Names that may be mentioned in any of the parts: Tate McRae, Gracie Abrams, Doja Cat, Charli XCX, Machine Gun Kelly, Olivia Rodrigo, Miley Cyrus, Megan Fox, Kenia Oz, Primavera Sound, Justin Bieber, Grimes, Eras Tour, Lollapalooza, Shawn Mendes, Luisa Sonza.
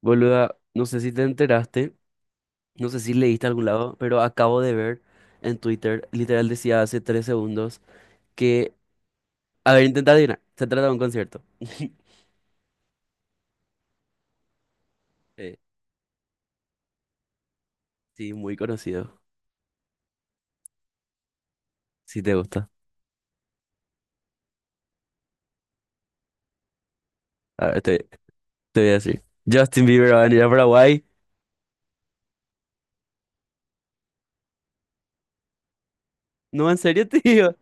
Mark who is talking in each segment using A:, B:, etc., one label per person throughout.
A: Boluda, no sé si te enteraste, no sé si leíste a algún lado, pero acabo de ver en Twitter, literal decía hace 3 segundos, que, a ver, intenta adivinar, se trata de un concierto. Eh, sí, muy conocido, si te gusta. A ver, te voy a decir. Justin Bieber va a venir a Paraguay. No, en serio, tío.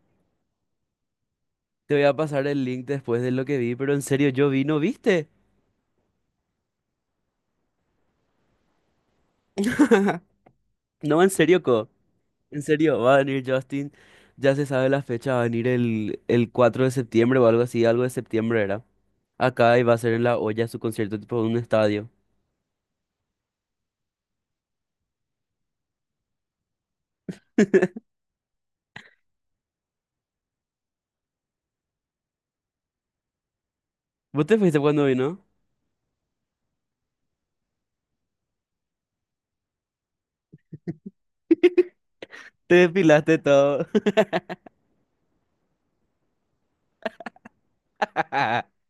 A: Te voy a pasar el link después de lo que vi, pero en serio, yo vi, ¿no viste? No, en serio, co. En serio, va a venir Justin. Ya se sabe la fecha, va a venir el 4 de septiembre o algo así, algo de septiembre era. Acá y va a ser en La Olla su concierto tipo en un estadio. ¿Vos te fuiste cuando vino? Te desfilaste todo.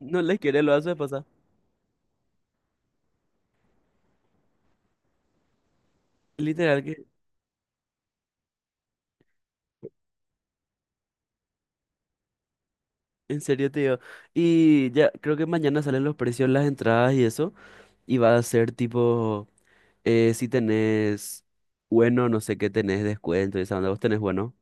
A: No les quiere lo a su esposa. Literal que, en serio te digo. Y ya, creo que mañana salen los precios, las entradas y eso. Y va a ser tipo, si tenés, bueno, no sé qué tenés, descuento y esa onda, vos tenés bueno.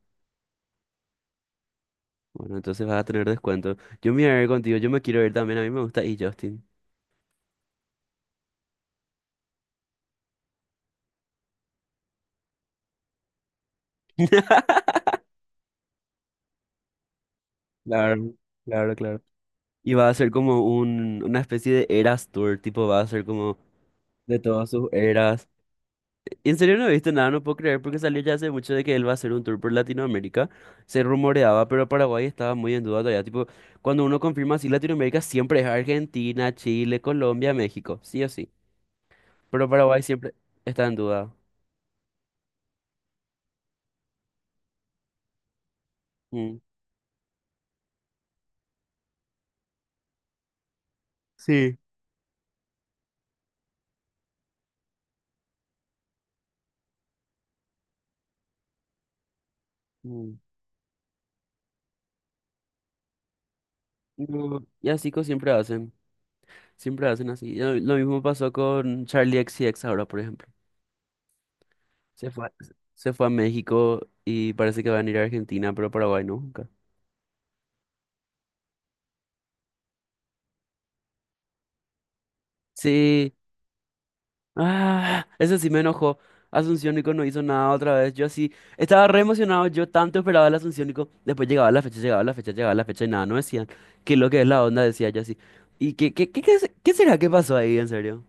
A: Bueno, entonces vas a tener descuento. Yo me voy a ver contigo, yo me quiero ir también, a mí me gusta y Justin. Claro, claro, claro. Y va a ser como una especie de Eras Tour, tipo va a ser como de todas sus eras. Y en serio no he visto nada, no puedo creer porque salió ya hace mucho de que él va a hacer un tour por Latinoamérica. Se rumoreaba, pero Paraguay estaba muy en duda todavía. Tipo, cuando uno confirma así Latinoamérica siempre es Argentina, Chile, Colombia, México, sí o sí. Pero Paraguay siempre está en duda. Mm. Sí. Mm. No, y así siempre hacen así. Lo mismo pasó con Charlie XCX ahora, por ejemplo. Se fue, se fue a México y parece que van a ir a Argentina, pero Paraguay no, nunca. Sí, ah, eso sí me enojó. Asunción Nico no hizo nada otra vez. Yo así, estaba re emocionado, yo tanto esperaba el Asunción Nico. Después llegaba la fecha, llegaba la fecha, llegaba la fecha y nada, no decían. ¿Qué es lo que es la onda? Decía yo así. ¿Y qué será que pasó ahí, en serio?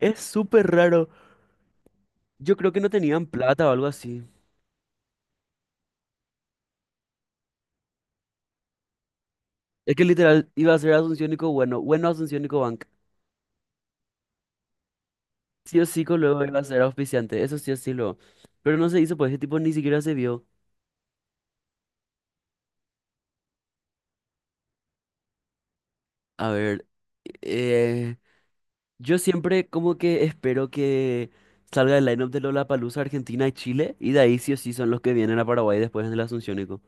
A: Es súper raro. Yo creo que no tenían plata o algo así. Es que literal iba a ser Asunción y bueno Asunción y Cobanc. Sí o sí, luego iba a ser auspiciante, eso sí o sí luego. Pero no se hizo, pues ese tipo ni siquiera se vio. A ver, eh, yo siempre como que espero que salga el line-up de Lollapalooza Argentina y Chile, y de ahí sí o sí son los que vienen a Paraguay después en el Asunciónico.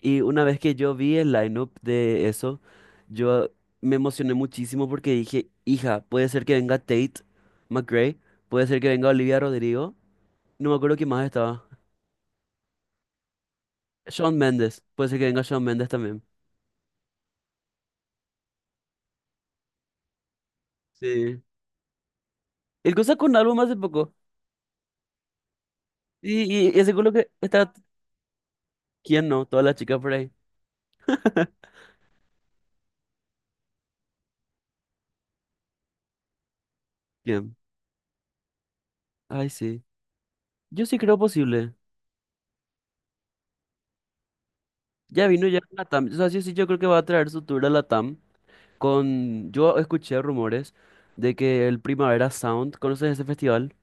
A: Y una vez que yo vi el line-up de eso, yo me emocioné muchísimo porque dije, hija, puede ser que venga Tate McRae, puede ser que venga Olivia Rodrigo. No me acuerdo quién más estaba. Shawn Mendes. Puede ser que venga Shawn Mendes también. Sí. El cosa con un álbum hace poco. Y seguro que está. ¿Quién no? Todas las chicas por ahí. ¿Quién? Ay, sí. Yo sí creo posible. Ya vino ya a Latam. O sea, sí, sí, yo creo que va a traer su tour a Latam. Con... Yo escuché rumores de que el Primavera Sound, ¿conoces ese festival?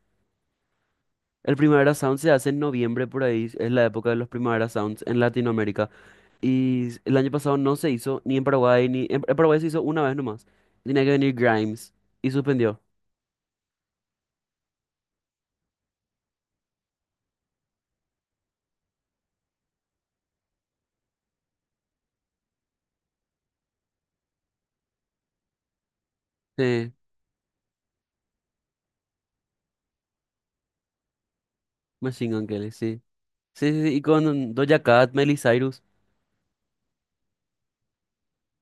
A: El Primavera Sound se hace en noviembre por ahí, es la época de los Primavera Sounds en Latinoamérica. Y el año pasado no se hizo, ni en Paraguay, ni en Paraguay se hizo una vez nomás. Tenía que venir Grimes y suspendió. Sí, Machine Gun Kelly, sí. Sí, sí, sí, y con Doja Cat, Miley Cyrus.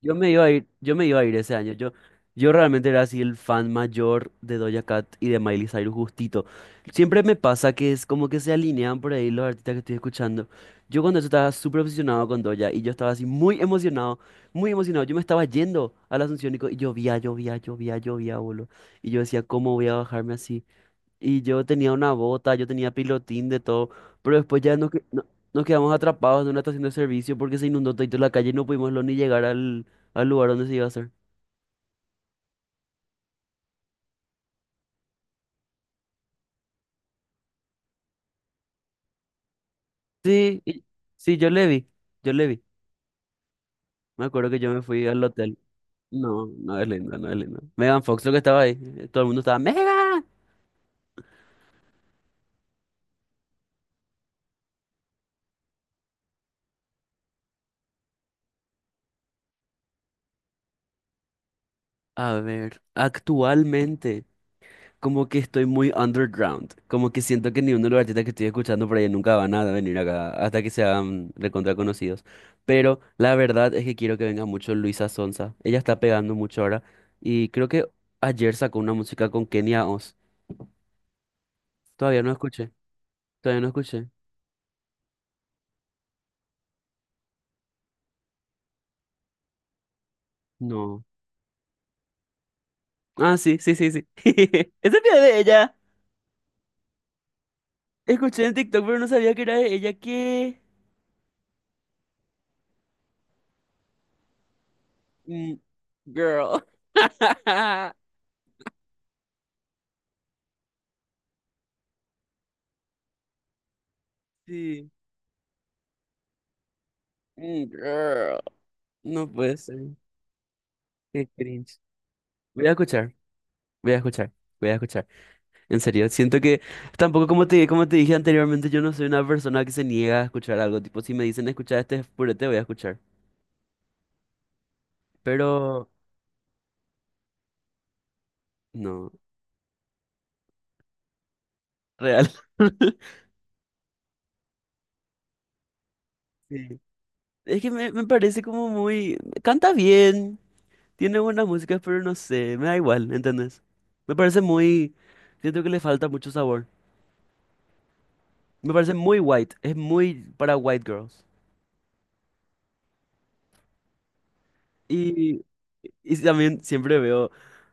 A: Yo me iba a ir, yo me iba a ir ese año. Yo realmente era así el fan mayor de Doja Cat y de Miley Cyrus justito. Siempre me pasa que es como que se alinean por ahí los artistas que estoy escuchando. Yo cuando eso estaba súper obsesionado con Doja y yo estaba así muy emocionado, muy emocionado. Yo me estaba yendo a la Asunción y y llovía, llovía, llovía, llovía, boludo. Y yo decía, ¿cómo voy a bajarme así? Y yo tenía una bota, yo tenía pilotín de todo, pero después ya nos, nos quedamos atrapados en una estación de servicio porque se inundó todo la calle y no pudimos ni llegar al lugar donde se iba a hacer. Sí, sí, yo le vi, yo le vi. Me acuerdo que yo me fui al hotel. No, no es linda, no es linda. Megan Fox lo que estaba ahí, todo el mundo estaba, ¡Megan! A ver, actualmente, como que estoy muy underground. Como que siento que ni uno de los artistas que estoy escuchando por ahí nunca van a venir acá hasta que sean recontra conocidos. Pero la verdad es que quiero que venga mucho Luisa Sonza. Ella está pegando mucho ahora. Y creo que ayer sacó una música con Kenia Oz. Todavía no escuché. Todavía no escuché. No. Ah, sí, sí, sí, sí. Esa es de ella. Escuché en TikTok, pero no sabía que era de ella. ¿Qué? Mm, girl. Sí. Mm, girl. No puede ser. Qué cringe. Voy a escuchar, voy a escuchar, voy a escuchar. En serio, siento que tampoco como te, dije anteriormente, yo no soy una persona que se niega a escuchar algo. Tipo, si me dicen escuchar este purete, voy a escuchar. Pero no, real. Sí. Es que me parece como muy... Canta bien, tiene buenas músicas, pero no sé, me da igual, ¿entendés? Me parece muy... Siento que le falta mucho sabor. Me parece muy white, es muy para white girls. Y también siempre veo,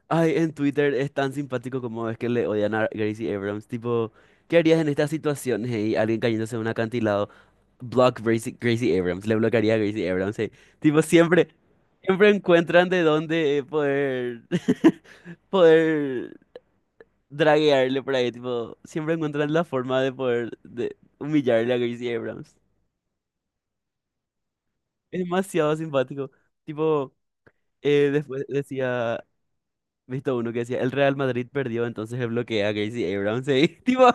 A: ay, en Twitter es tan simpático como es que le odian a Gracie Abrams. Tipo, ¿qué harías en estas situaciones? Y alguien cayéndose de un acantilado. Block Gracie, Gracie Abrams. Le bloquearía a Gracie Abrams. Tipo, siempre, siempre encuentran de dónde poder, poder draguearle por ahí. Tipo, siempre encuentran la forma de poder de humillarle a Gracie Abrams. Es demasiado simpático. Tipo, después decía. Visto uno que decía, el Real Madrid perdió, entonces se bloquea a Casey Abrams. Sí, tipo,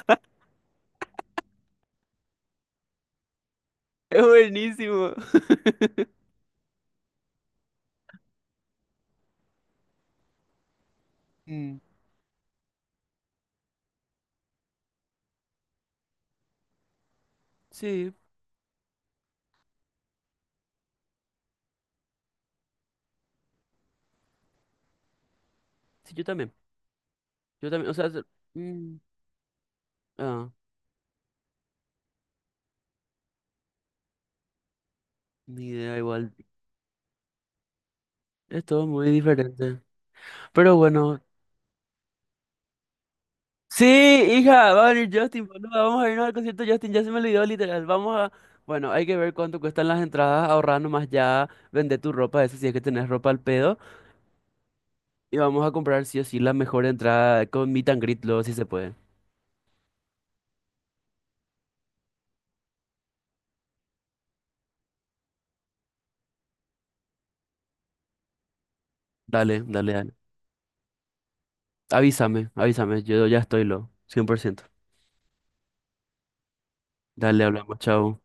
A: es buenísimo. Mm, sí, sí, yo también. Yo también, o sea, mm, ah, ni idea igual. Es todo muy diferente. Pero bueno. Sí, hija, va a venir Justin, boludo, vamos a irnos al concierto de Justin, ya se me olvidó literal. Vamos a... Bueno, hay que ver cuánto cuestan las entradas, ahorrar nomás ya, vender tu ropa, eso si es que tenés ropa al pedo. Y vamos a comprar sí o sí la mejor entrada con meet and greet luego si se puede. Dale, dale, dale. Avísame, avísame, yo ya estoy lo, 100%. Dale, hablamos, chao.